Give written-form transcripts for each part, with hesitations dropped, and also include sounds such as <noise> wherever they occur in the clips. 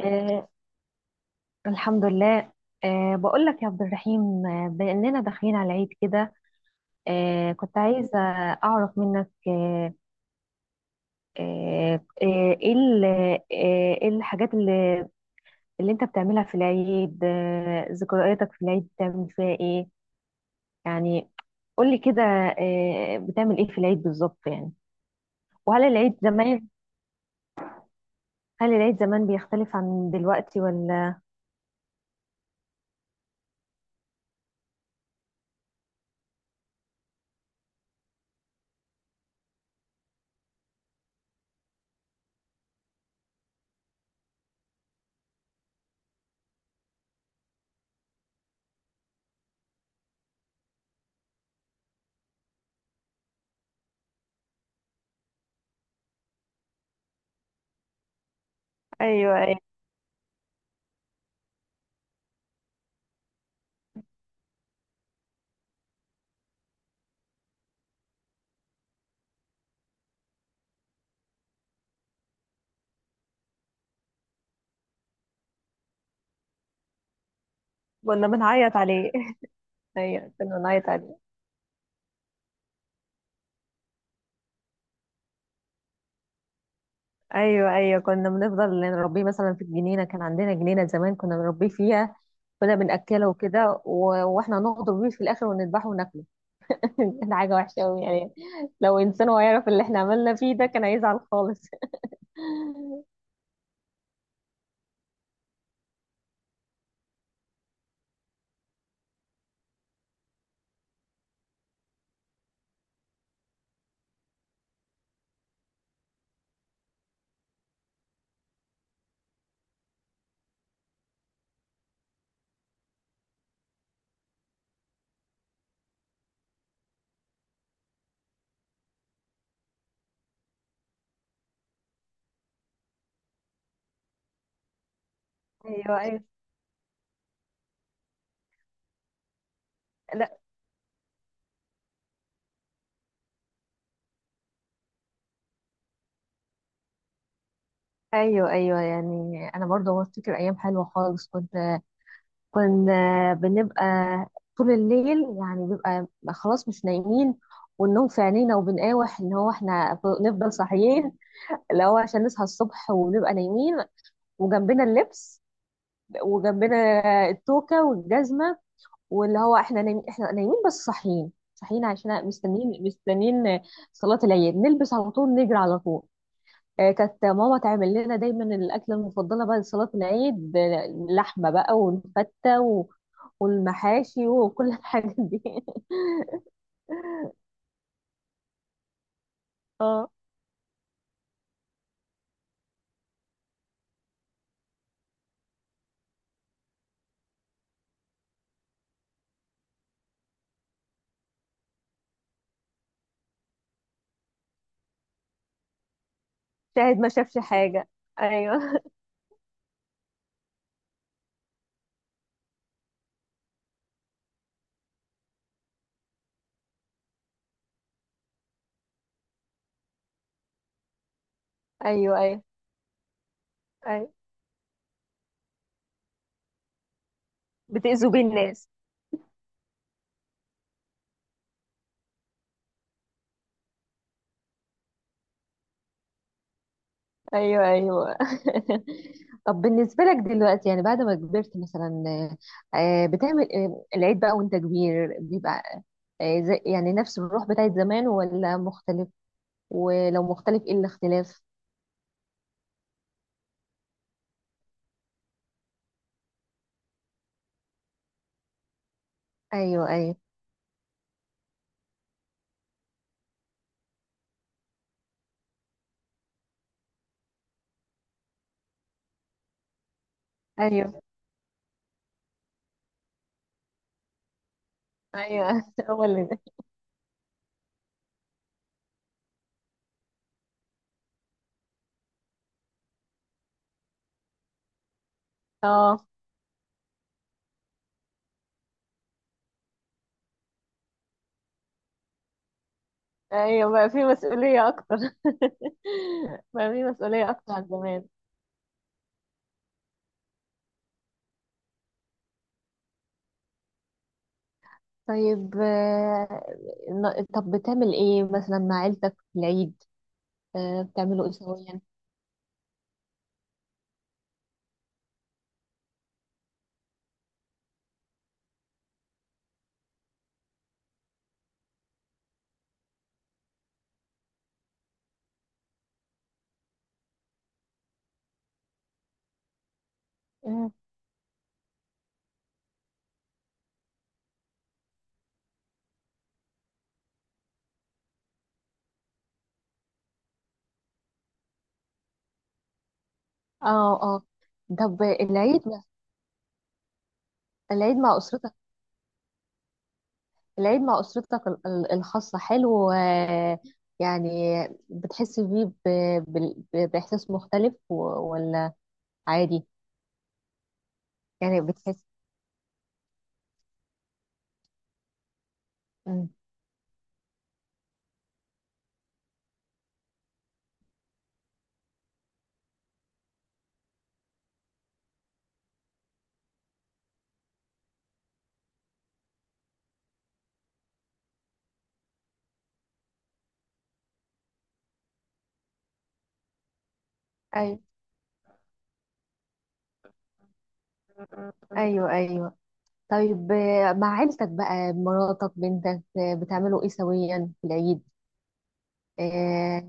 آه الحمد لله. بقول لك يا عبد الرحيم، بأننا داخلين على العيد كده. كنت عايزة أعرف منك. آه آه آه، إيه ال- آه، إيه الحاجات اللي أنت بتعملها في العيد؟ ذكرياتك في العيد بتعمل فيها إيه يعني؟ قولي كده. بتعمل إيه في العيد بالظبط يعني؟ وهل العيد زمان، هل العيد زمان بيختلف عن دلوقتي ولا؟ ايوه ايوه، كنا بنعيط عليه. <laughs> ايوه كنا بنعيط عليه. ايوه ايوه، كنا بنفضل نربيه مثلا في الجنينه، كان عندنا جنينه زمان كنا بنربيه فيها، كنا بناكله وكده واحنا نغدر بيه في الاخر ونذبحه وناكله. <laughs> كانت حاجه وحشه قوي يعني. لو انسان هيعرف اللي احنا عملنا فيه ده كان هيزعل خالص. ايوه ايوه. لا. ايوه ايوه، يعني انا برضه بفتكر ايام حلوه خالص. كنت كنا بنبقى طول الليل يعني، بيبقى خلاص مش نايمين، والنوم في عينينا وبنقاوح ان هو احنا نفضل صاحيين، اللي هو عشان نصحى الصبح ونبقى نايمين، وجنبنا اللبس، وجنبنا التوكة والجزمة، واللي هو احنا نايمين بس صاحيين صاحيين، عشان مستنيين مستنيين صلاة العيد، نلبس على طول، نجري على طول. آه، كانت ماما تعمل لنا دايما الأكلة المفضلة بعد صلاة العيد، آه، لحمة بقى والفتة والمحاشي وكل الحاجات دي. <laughs> اه، شاهد ما شافش حاجة. ايوه. <laughs> ايوه ايوه ايوه، بتأذوا بيه الناس. ايوه ايوه. <laughs> طب بالنسبه لك دلوقتي، يعني بعد ما كبرت مثلا، آه، بتعمل آه، العيد بقى وانت كبير بيبقى يعني نفس الروح بتاعت زمان ولا مختلف؟ ولو مختلف ايه الاختلاف؟ ايوه ايوه. ايوه ايوه. <laughs> هو اللي ده. اه. ايوه بقى في مسؤوليه اكتر. <laughs> بقى في مسؤوليه اكتر عن زمان. طيب آه، طب بتعمل ايه مثلا مع عيلتك في العيد؟ آه، بتعملوا ايه سويا؟ اه اه. طب العيد، العيد مع اسرتك، العيد مع اسرتك الخاصه حلو آه، يعني بتحس بيه باحساس مختلف و- ولا عادي؟ يعني بتحس. مم. ايوه ايوه ايوه. طيب آه، مع عيلتك بقى، مراتك بنتك، آه، بتعملوا ايه سويا في العيد؟ آه،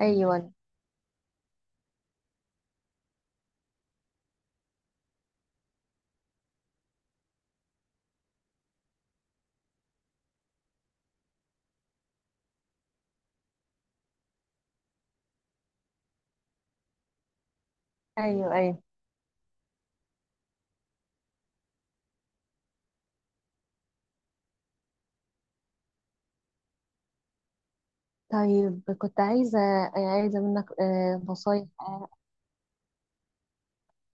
ايوه ايوه ايوه. طيب كنت عايزه، عايزه منك آه، نصايح آه،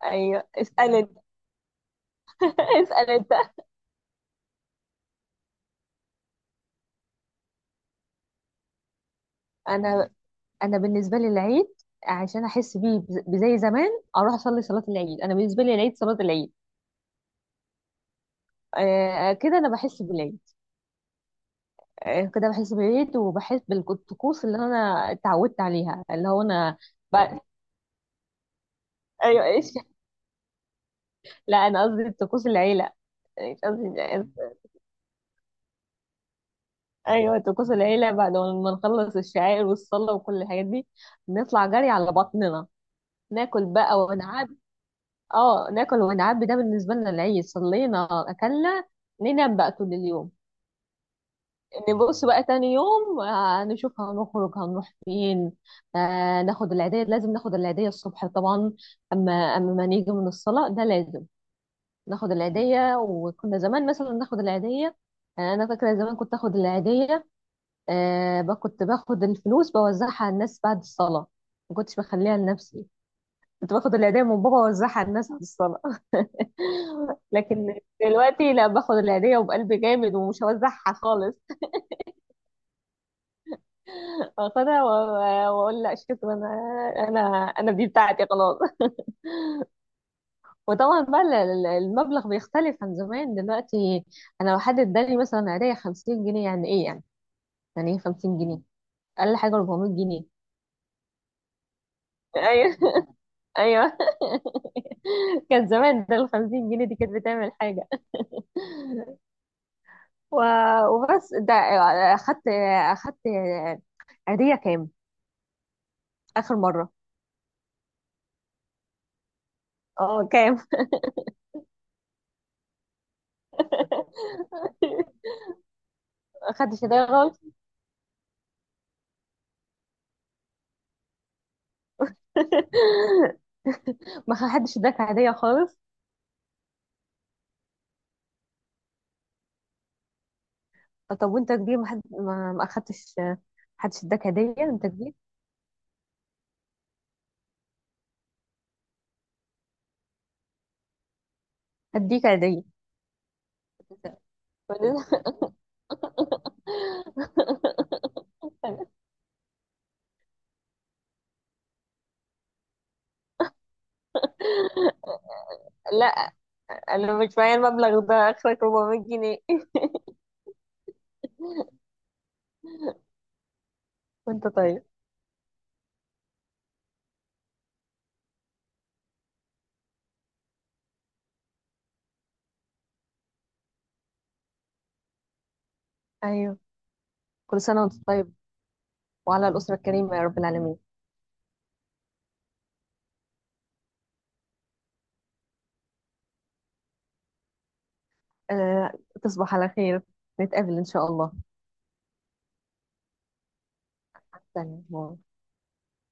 ايوه اسال انت. <laughs> اسال انت. انا انا بالنسبه لي العيد، عشان احس بيه بزي زمان اروح اصلي صلاه العيد. انا بالنسبه لي العيد صلاه العيد. آه كده انا بحس بالعيد. آه كده بحس بالعيد، وبحس بالطقوس اللي انا اتعودت عليها، اللي هو انا ب... ايوه ايش. لا انا قصدي طقوس العيله، مش قصدي. ايوه طقوس العيله. بعد ما نخلص الشعائر والصلاه وكل الحاجات دي، نطلع جري على بطننا، ناكل بقى ونعبي. اه، ناكل ونعبي. ده بالنسبه لنا العيد، صلينا اكلنا، ننام بقى طول اليوم. نبص بقى تاني يوم آه، نشوف هنخرج هنروح فين. آه، ناخد العيدية، لازم ناخد العيدية الصبح طبعا. أما أما ما نيجي من الصلاة ده، لازم ناخد العيدية. وكنا زمان مثلا ناخد العيدية. آه، أنا فاكرة زمان كنت آخد العيدية. آه، كنت باخد الفلوس بوزعها على الناس بعد الصلاة، ما كنتش بخليها لنفسي. كنت باخد العيدية من بابا ووزعها على الناس بعد الصلاة. <laughs> لكن دلوقتي لا، باخد العيدية وبقلب جامد ومش هوزعها خالص. واخدها و- واقول لا شكرا، انا انا انا دي بتاعتي خلاص. <laughs> وطبعا بقى المبلغ بيختلف عن زمان دلوقتي. انا لو حد اداني مثلا عيدية 50 جنيه، يعني ايه يعني؟ يعني ايه 50 جنيه؟ اقل حاجة 400 جنيه. ايوه. <laughs> ايوه. <laughs> كان زمان ده ال 50 جنيه دي كانت بتعمل حاجة. وبس ده. اخدت اخدت عيدية كام اخر مرة؟ اه كام؟ <laughs> اخدت هدية غلط. <laughs> ما حدش اداك هدية خالص؟ طب وانت كبير ما حد ما حدش اداك هدية انت كبير؟ هديك هدية بعدين. <laughs> لا انا مش معايا المبلغ ده، اخرك 400 جنيه. وانت طيب. ايوه كل سنة وانت طيب، وعلى الأسرة الكريمة يا رب العالمين. أه، تصبح على خير، نتقابل إن شاء الله تاني.